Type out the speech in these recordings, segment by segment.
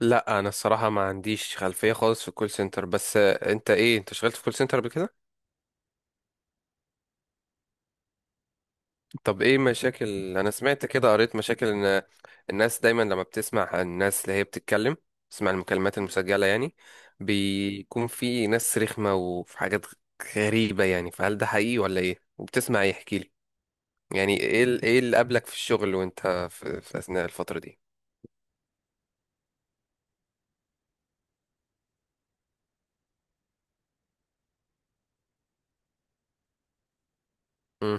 لا، انا الصراحه ما عنديش خلفيه خالص في الكول سنتر بس انت اشتغلت في كول سنتر قبل كده؟ طب ايه مشاكل؟ انا سمعت كده، قريت مشاكل ان الناس دايما لما بتسمع عن الناس اللي هي بتتكلم، تسمع المكالمات المسجله يعني. بيكون في ناس رخمه وفي حاجات غريبه يعني، فهل ده حقيقي ولا ايه؟ وبتسمع ايه؟ احكي لي. يعني ايه ايه اللي قابلك في الشغل وانت في اثناء الفتره دي؟ امم.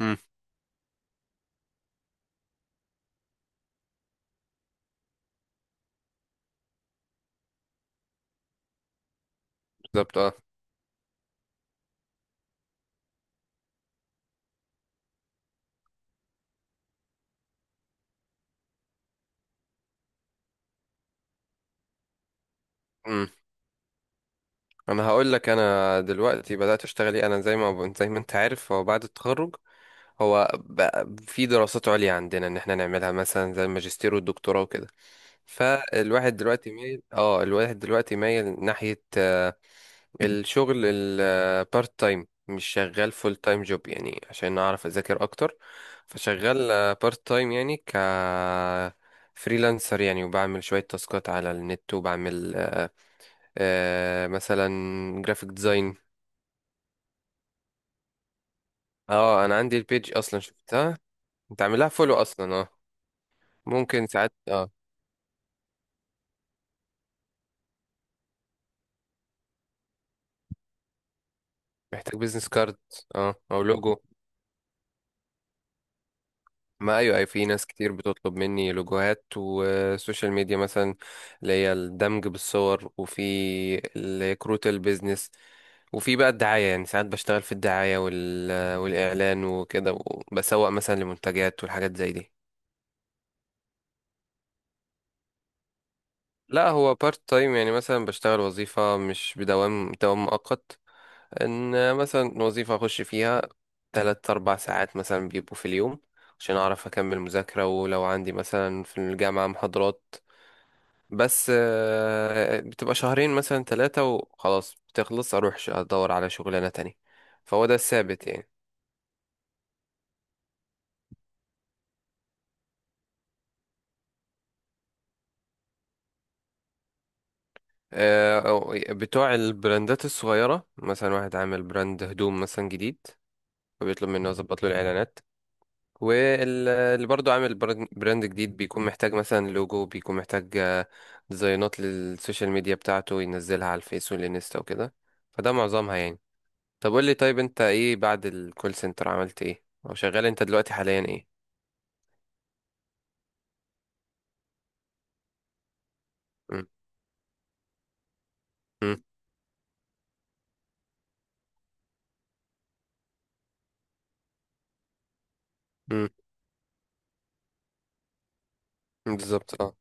امم. بالظبط، اه. انا هقول لك، انا دلوقتي بدات اشتغل ايه. انا زي ما انت عارف، هو بعد التخرج هو بقى في دراسات عليا عندنا ان احنا نعملها مثلا زي الماجستير والدكتوراه وكده. فالواحد دلوقتي مايل اه الواحد دلوقتي مايل ناحيه الشغل البارت تايم، مش شغال فول تايم جوب، يعني عشان اعرف اذاكر اكتر. فشغال بارت تايم، يعني فريلانسر يعني، وبعمل شوية تاسكات على النت، وبعمل مثلا جرافيك ديزاين. اه، انا عندي البيج اصلا، شفتها. انت عاملها فولو اصلا، اه. ممكن ساعات، اه. محتاج بيزنس كارد. اه، او لوجو. ما ايوه، اي في ناس كتير بتطلب مني لوجوهات وسوشيال ميديا، مثلا اللي هي الدمج بالصور، وفي الكروت البيزنس، وفي بقى الدعاية، يعني ساعات بشتغل في الدعاية والإعلان وكده، وبسوق مثلا لمنتجات والحاجات زي دي. لا، هو بارت تايم يعني، مثلا بشتغل وظيفة مش دوام مؤقت. ان مثلا وظيفة اخش فيها 3 4 ساعات مثلا بيبقوا في اليوم، عشان اعرف اكمل مذاكرة، ولو عندي مثلا في الجامعة محاضرات. بس بتبقى شهرين مثلا 3 وخلاص، بتخلص اروح ادور على شغلانة تانية. فهو ده الثابت يعني. بتوع البراندات الصغيرة، مثلا واحد عامل براند هدوم مثلا جديد، فبيطلب مني اظبط له الاعلانات. واللي برضو عامل براند جديد بيكون محتاج مثلا لوجو، بيكون محتاج ديزاينات للسوشيال ميديا بتاعته ينزلها على الفيس والانستا وكده. فده معظمها يعني. طب قول لي، طيب انت ايه بعد الكول سنتر؟ عملت ايه او شغال انت دلوقتي حاليا ايه؟ مم. مم. مم. بالظبط، اه.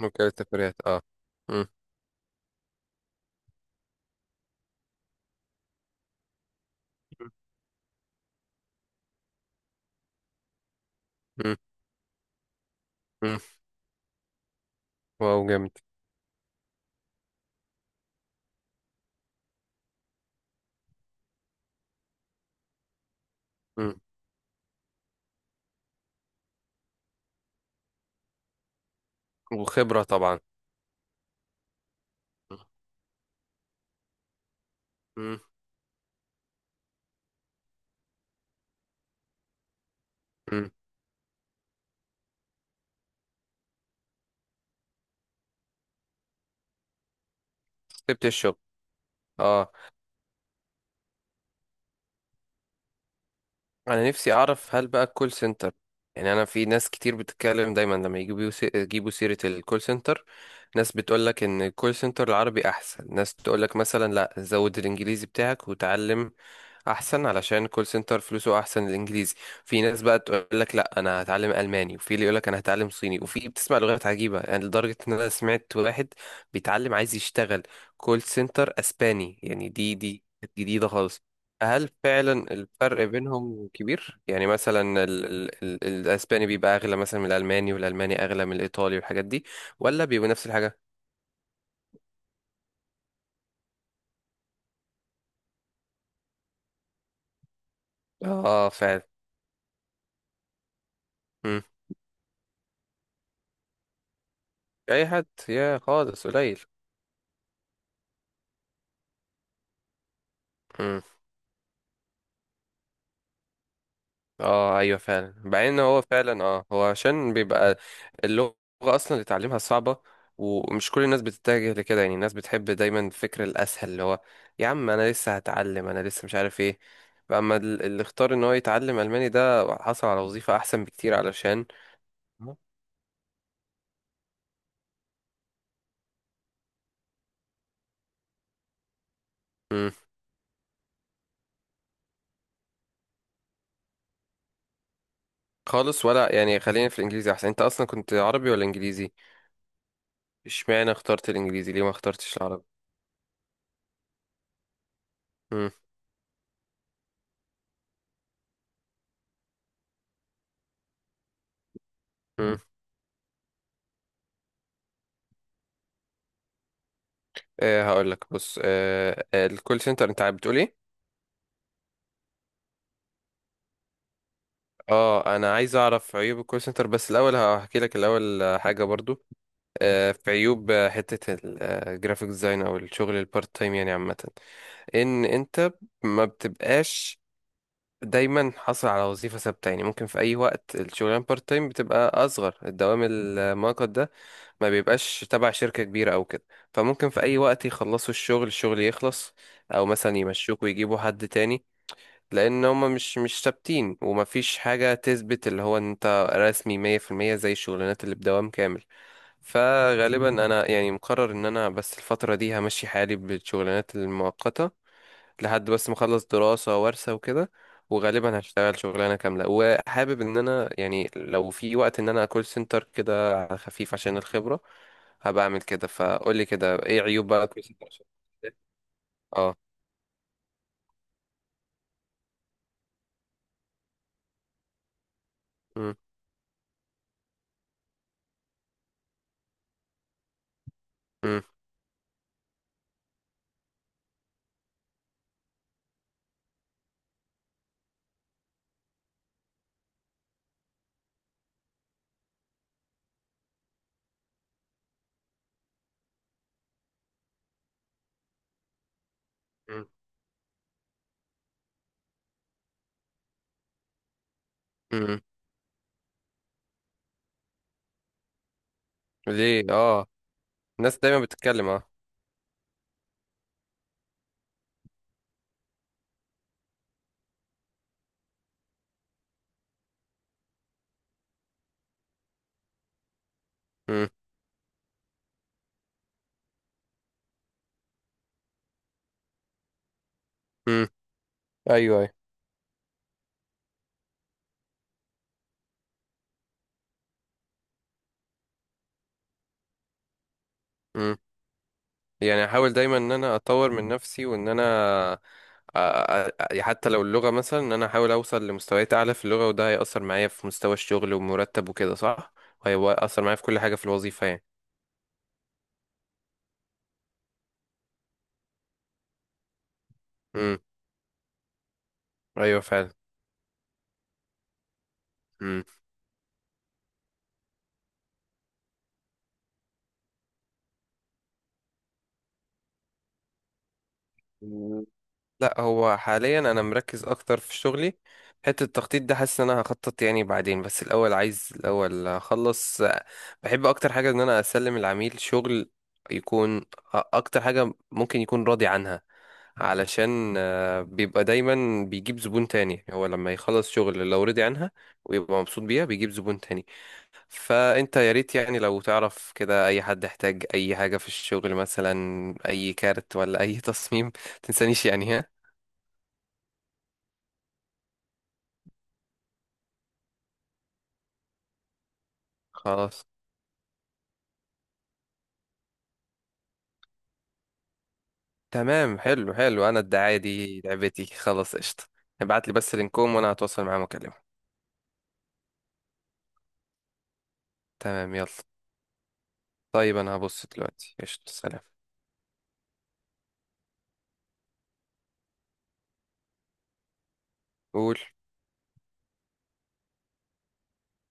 ممكن التفريات، اه. مم. مم. مم. واو، جامد. مم. وخبرة طبعا. مم. مم. سبت الشغل. اه، انا نفسي اعرف هل بقى الكول سنتر، يعني انا في ناس كتير بتتكلم دايما لما يجيبوا يجيبوا سيرة الكول سنتر، ناس بتقول لك ان الكول سنتر العربي احسن، ناس تقول لك مثلا لا زود الانجليزي بتاعك وتعلم احسن، علشان الكول سنتر فلوسه احسن الانجليزي. في ناس بقى تقول لك لا انا هتعلم الماني، وفي اللي يقول لك انا هتعلم صيني، وفي بتسمع لغات عجيبة يعني، لدرجة ان انا سمعت واحد بيتعلم عايز يشتغل كول سنتر اسباني يعني. دي جديدة خالص. هل فعلا الفرق بينهم كبير؟ يعني مثلا ال ال ال الاسباني بيبقى اغلى مثلا من الالماني، والالماني اغلى من الايطالي، والحاجات دي، ولا بيبقوا نفس الحاجة؟ اه فعلا. مم. اي حد، يا خالص قليل. اه ايوه فعلا، بعدين إن هو فعلا، اه هو عشان بيبقى اللغة اصلا اللي تعلمها صعبة، ومش كل الناس بتتجه لكده، يعني الناس بتحب دايما الفكر الاسهل، اللي هو يا عم انا لسه هتعلم، انا لسه مش عارف ايه. اما اللي اختار ان هو يتعلم الماني ده حصل على وظيفة احسن بكتير علشان. مم. خالص، ولا يعني خلينا في الانجليزي احسن؟ انت اصلا كنت عربي ولا انجليزي؟ اشمعنى اخترت الانجليزي؟ ليه ما اخترتش العربي؟ امم. امم. هقول لك، بص. الكول سنتر انت بتقول ايه؟ اه، انا عايز اعرف عيوب الكول سنتر، بس الاول هحكي لك الاول حاجه برضو. في عيوب، حته الجرافيك ديزاين او الشغل البارت تايم يعني عامه، ان انت ما بتبقاش دايما حاصل على وظيفه ثابته، يعني ممكن في اي وقت الشغلانه بارت تايم بتبقى اصغر، الدوام المؤقت ده ما بيبقاش تبع شركه كبيره او كده، فممكن في اي وقت يخلصوا الشغل يخلص، او مثلا يمشوك ويجيبوا حد تاني، لان هما مش ثابتين ومفيش حاجة تثبت اللي هو إن انت رسمي 100% زي الشغلانات اللي بدوام كامل. فغالبا انا يعني مقرر ان انا بس الفترة دي همشي حالي بالشغلانات المؤقتة، لحد بس ما اخلص دراسة وورثة وكده، وغالبا هشتغل شغلانة كاملة، وحابب ان انا يعني لو في وقت ان انا كول سنتر كده على خفيف عشان الخبرة هبقى اعمل كده. فقولي كده، ايه عيوب بقى كول سنتر اه؟ مم. مم. مم. مم. ليه، اه. الناس دايما بتتكلم، اه. مم. مم. ايوه، ايوه. مم. يعني احاول دايما ان انا اطور من نفسي وان انا، أ- أ- حتى لو اللغة، مثلا ان انا احاول اوصل لمستويات اعلى في اللغة، وده هيأثر معايا في مستوى الشغل ومرتب وكده صح؟ هيأثر معايا في كل حاجة في الوظيفة يعني. امم. ايوه فعلا. امم. لا، هو حاليا انا مركز اكتر في شغلي، حته التخطيط ده حاسس ان انا هخطط يعني بعدين، بس الاول عايز الاول اخلص. بحب اكتر حاجه ان انا اسلم العميل شغل يكون اكتر حاجه ممكن يكون راضي عنها، علشان بيبقى دايما بيجيب زبون تاني هو، لما يخلص شغل لو رضي عنها ويبقى مبسوط بيها بيجيب زبون تاني. فانت يا ريت يعني لو تعرف كده اي حد احتاج اي حاجه في الشغل، مثلا اي كارت ولا اي تصميم، تنسانيش يعني. خلاص. تمام، حلو حلو، انا الدعاية دي لعبتي، خلاص قشطة. ابعت لي بس لينكوم وانا هتواصل معاهم واكلمهم. تمام، يلا. طيب انا هبص دلوقتي، قشطة، سلام. قول.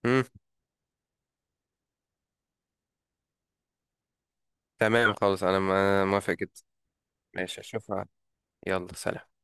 مم. تمام خلاص، انا أنا موافق جدا. ماشي، اشوفها. يلا، سلام.